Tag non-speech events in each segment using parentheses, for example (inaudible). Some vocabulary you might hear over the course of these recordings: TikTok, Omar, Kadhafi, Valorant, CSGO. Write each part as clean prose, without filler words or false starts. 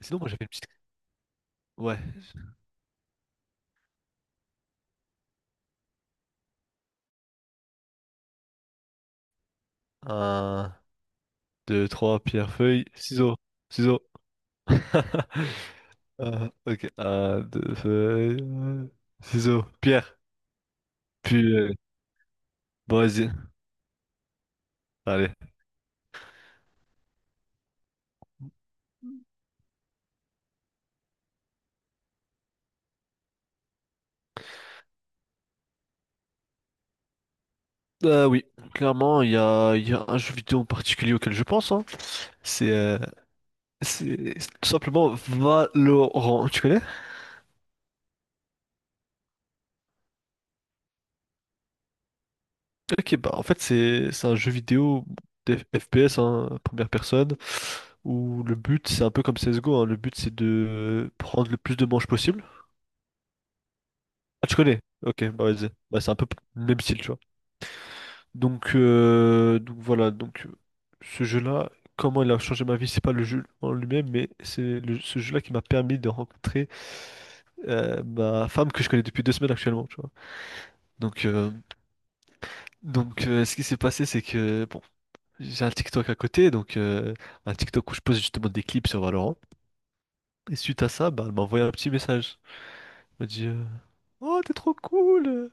Sinon, moi, j'avais une petite... Ouais. Un, deux, trois, pierre, feuille, ciseaux. Ciseaux. (laughs) Ok. Un, deux, feuille, ciseaux, pierre. Puis, bon, vas-y. Allez. Oui, clairement, il y a un jeu vidéo en particulier auquel je pense, hein. C'est c'est tout simplement Valorant. Tu connais? Ok, bah en fait c'est un jeu vidéo FPS, hein, première personne, où le but c'est un peu comme CSGO, hein, le but c'est de prendre le plus de manches possible. Ah tu connais? Ok, bah vas-y. Bah, c'est un peu le même style, tu vois. Donc voilà, ce jeu-là, comment il a changé ma vie, c'est pas le jeu en lui-même, mais ce jeu-là qui m'a permis de rencontrer ma femme que je connais depuis 2 semaines actuellement, tu vois. Donc, euh, Ce qui s'est passé, c'est que bon, j'ai un TikTok à côté, un TikTok où je pose justement des clips sur Valorant. Et suite à ça, bah, elle m'a envoyé un petit message. Elle m'a dit Oh, t'es trop cool!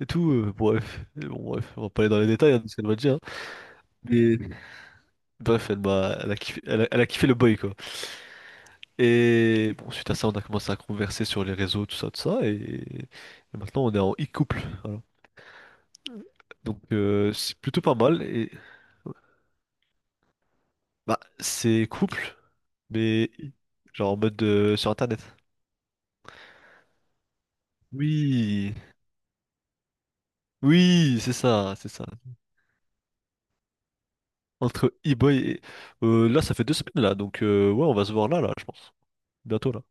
Et tout, bref. Et bon, bref, on va pas aller dans les détails, hein, de ce qu'elle m'a dit, hein. Mais bref, elle a kiffé, elle a kiffé le boy, quoi. Et bon, suite à ça, on a commencé à converser sur les réseaux, tout ça, tout ça. Et maintenant, on est en e-couple. Voilà. Donc, c'est plutôt pas mal. Et bah, c'est couple, mais genre en mode sur Internet. Oui, oui, c'est ça, c'est ça. Entre e-boy et... là, ça fait 2 semaines, là. Donc, ouais, on va se voir là, là, je pense. Bientôt, là.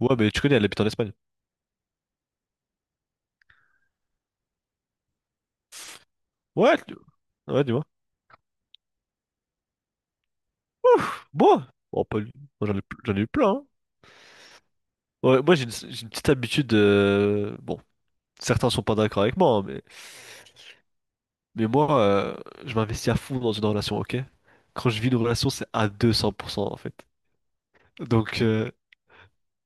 Ouais, mais tu connais, elle habite en Espagne. Ouais, tu- ouais, Dis-moi. Ouf, bon. Bon, pas lui. Moi, j'en ai eu plein, hein. Ouais, moi, j'ai une petite habitude. Bon, certains sont pas d'accord avec moi, hein, mais, mais moi, euh, je m'investis à fond dans une relation, ok? Quand je vis une relation, c'est à 200% en fait. Donc, euh,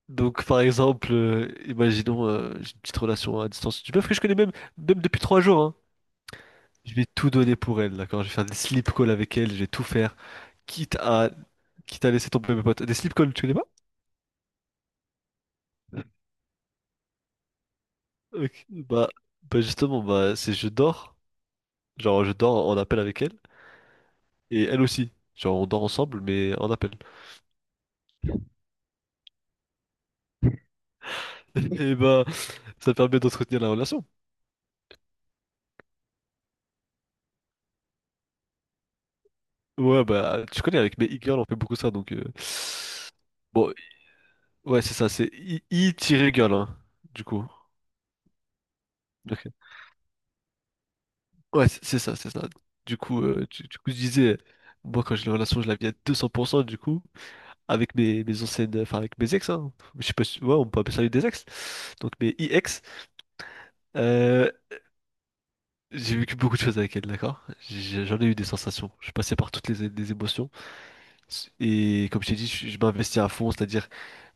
Donc, par exemple, imaginons, j'ai une petite relation à distance d'une meuf que je connais même, même depuis 3 jours, hein. Je vais tout donner pour elle, d'accord? Je vais faire des sleep calls avec elle, je vais tout faire, quitte à, quitte à laisser tomber mes potes. Des sleep calls, tu connais pas? Ok, bah, bah justement, bah, genre je dors en appel avec elle, et elle aussi. Genre on dort ensemble, mais en appel. (laughs) Et bah, ça permet d'entretenir la relation. Ouais, bah, tu connais, avec mes e-girls, on fait beaucoup ça, donc... Bon, ouais, c'est ça, c'est i girl, hein, du coup. Ok. Ouais, c'est c'est ça. Du coup, du coup, je disais, moi, quand j'ai une relation, je la vis à 200%, du coup, avec mes anciennes, enfin, avec mes ex, hein. Je sais pas si, ouais, on peut appeler ça des ex. Donc, mes ex, euh, j'ai vécu beaucoup de choses avec elle, d'accord? J'en ai eu des sensations. Je passais par toutes les émotions. Et comme je t'ai dit, je m'investis à fond, c'est-à-dire,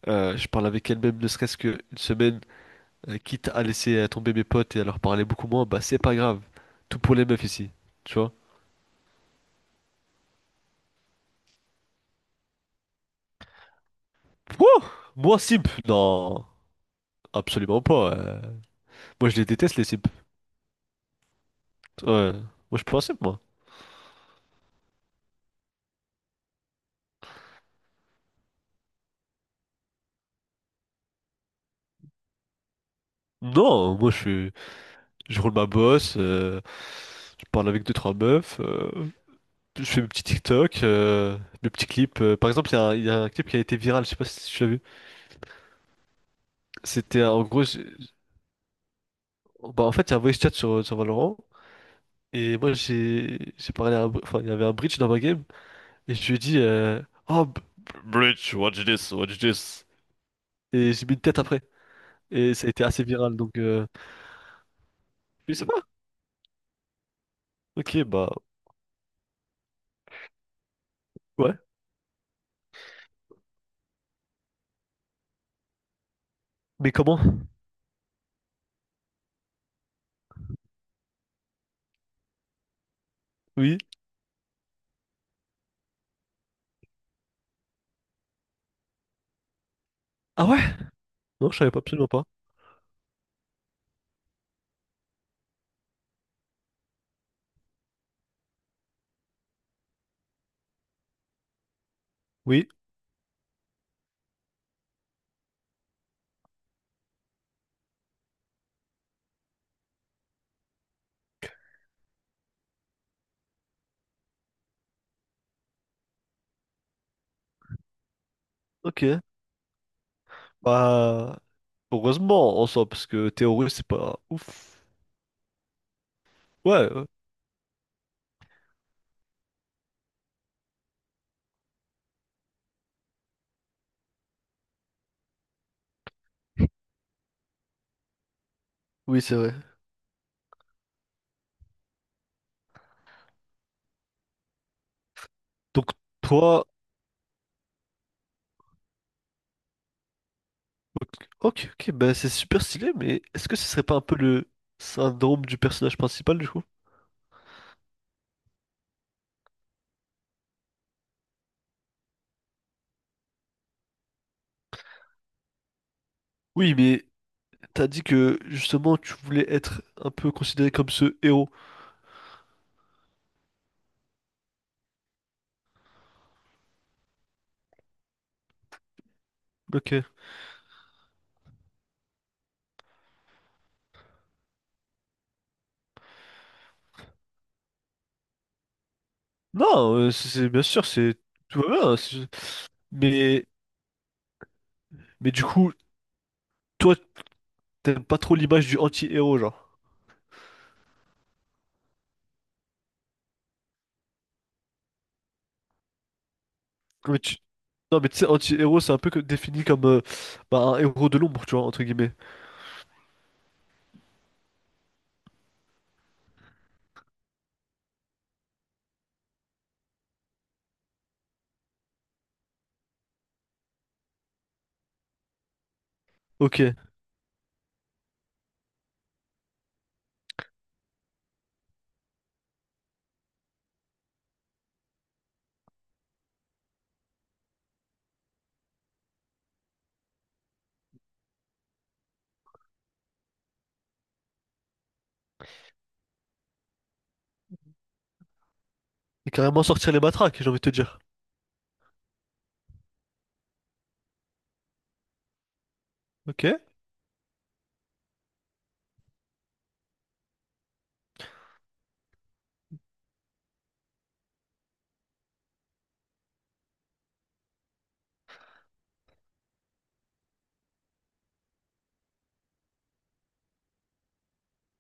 je parle avec elle même, ne serait-ce qu'une semaine, quitte à laisser tomber mes potes et à leur parler beaucoup moins, bah, c'est pas grave. Tout pour les meufs ici, tu vois? Wouh! Moi, simp! Non, absolument pas. Moi, je les déteste, les simps. Ouais. Moi, je suis pas un simp, moi. Non, moi, je suis... je roule ma bosse, je parle avec deux, trois meufs, je fais mes petits TikTok, mes petits clips. Par exemple, il y a un clip qui a été viral, je sais pas si tu l'as vu. C'était en gros, bah, en fait, il y a un voice chat sur, sur Valorant, et moi, j'ai parlé à un... enfin, il y avait un bridge dans ma game, et je lui ai dit Oh, bridge, watch this, watch this. Et j'ai mis une tête après, et ça a été assez viral, je sais pas. Ok, bah ouais. Mais comment? Oui. Ah ouais? Non, je savais pas, absolument pas. Oui. Ok. Bah heureusement en soi, parce que théorie c'est pas ouf. Ouais. Oui, c'est vrai. Donc toi, ok, ok, bah c'est super stylé, mais est-ce que ce serait pas un peu le syndrome du personnage principal du coup? Oui, mais t'as dit que justement tu voulais être un peu considéré comme ce héros. Ok. Non, c'est bien sûr, c'est tout va bien. Mais Mais du coup, toi, t'aimes pas trop l'image du anti-héros, genre. Mais tu- Non, mais tu sais, anti-héros, c'est un peu défini comme bah, un héros de l'ombre, tu vois, entre guillemets. Ok. Et carrément sortir les matraques, j'ai envie de te dire. Ok.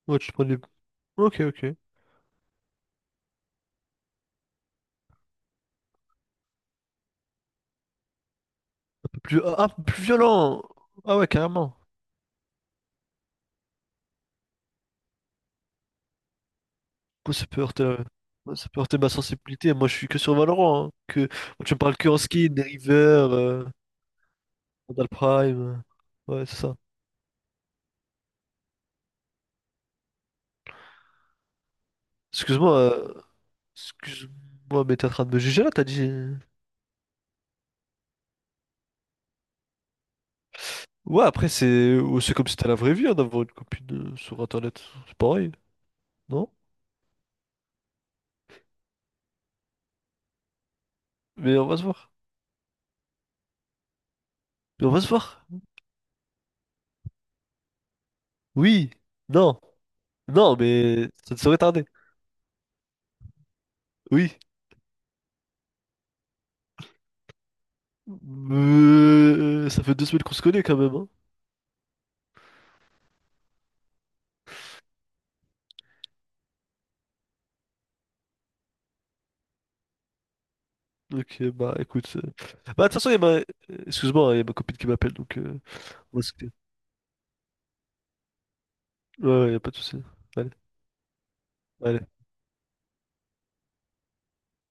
Ouais, tu prends les... Ok, ok. Un peu plus... Ah, un peu plus violent! Ah ouais, carrément. Moi, ça peut heurter, moi, ça peut heurter ma sensibilité. Moi, je suis que sur Valorant, hein. Que... moi, tu me parles que en skin, des River, Vandal Prime. Ouais, c'est ça. Excuse-moi, euh, Excuse-moi, mais t'es en train de me juger là, t'as dit... Ouais, après, c'est ou c'est comme si t'as la vraie vie, hein, d'avoir une copine sur Internet. C'est pareil, non? Mais on va se voir. Mais on va se voir. Oui. Non. Non, mais ça ne saurait tarder. Oui. Ça fait deux semaines qu'on se connaît quand même, hein. Donc, bah, écoute. Bah, de toute façon, il y a ma... excuse-moi, hein, il y a ma copine qui m'appelle, donc... Ouais, ouais, y a pas de souci. Allez, allez.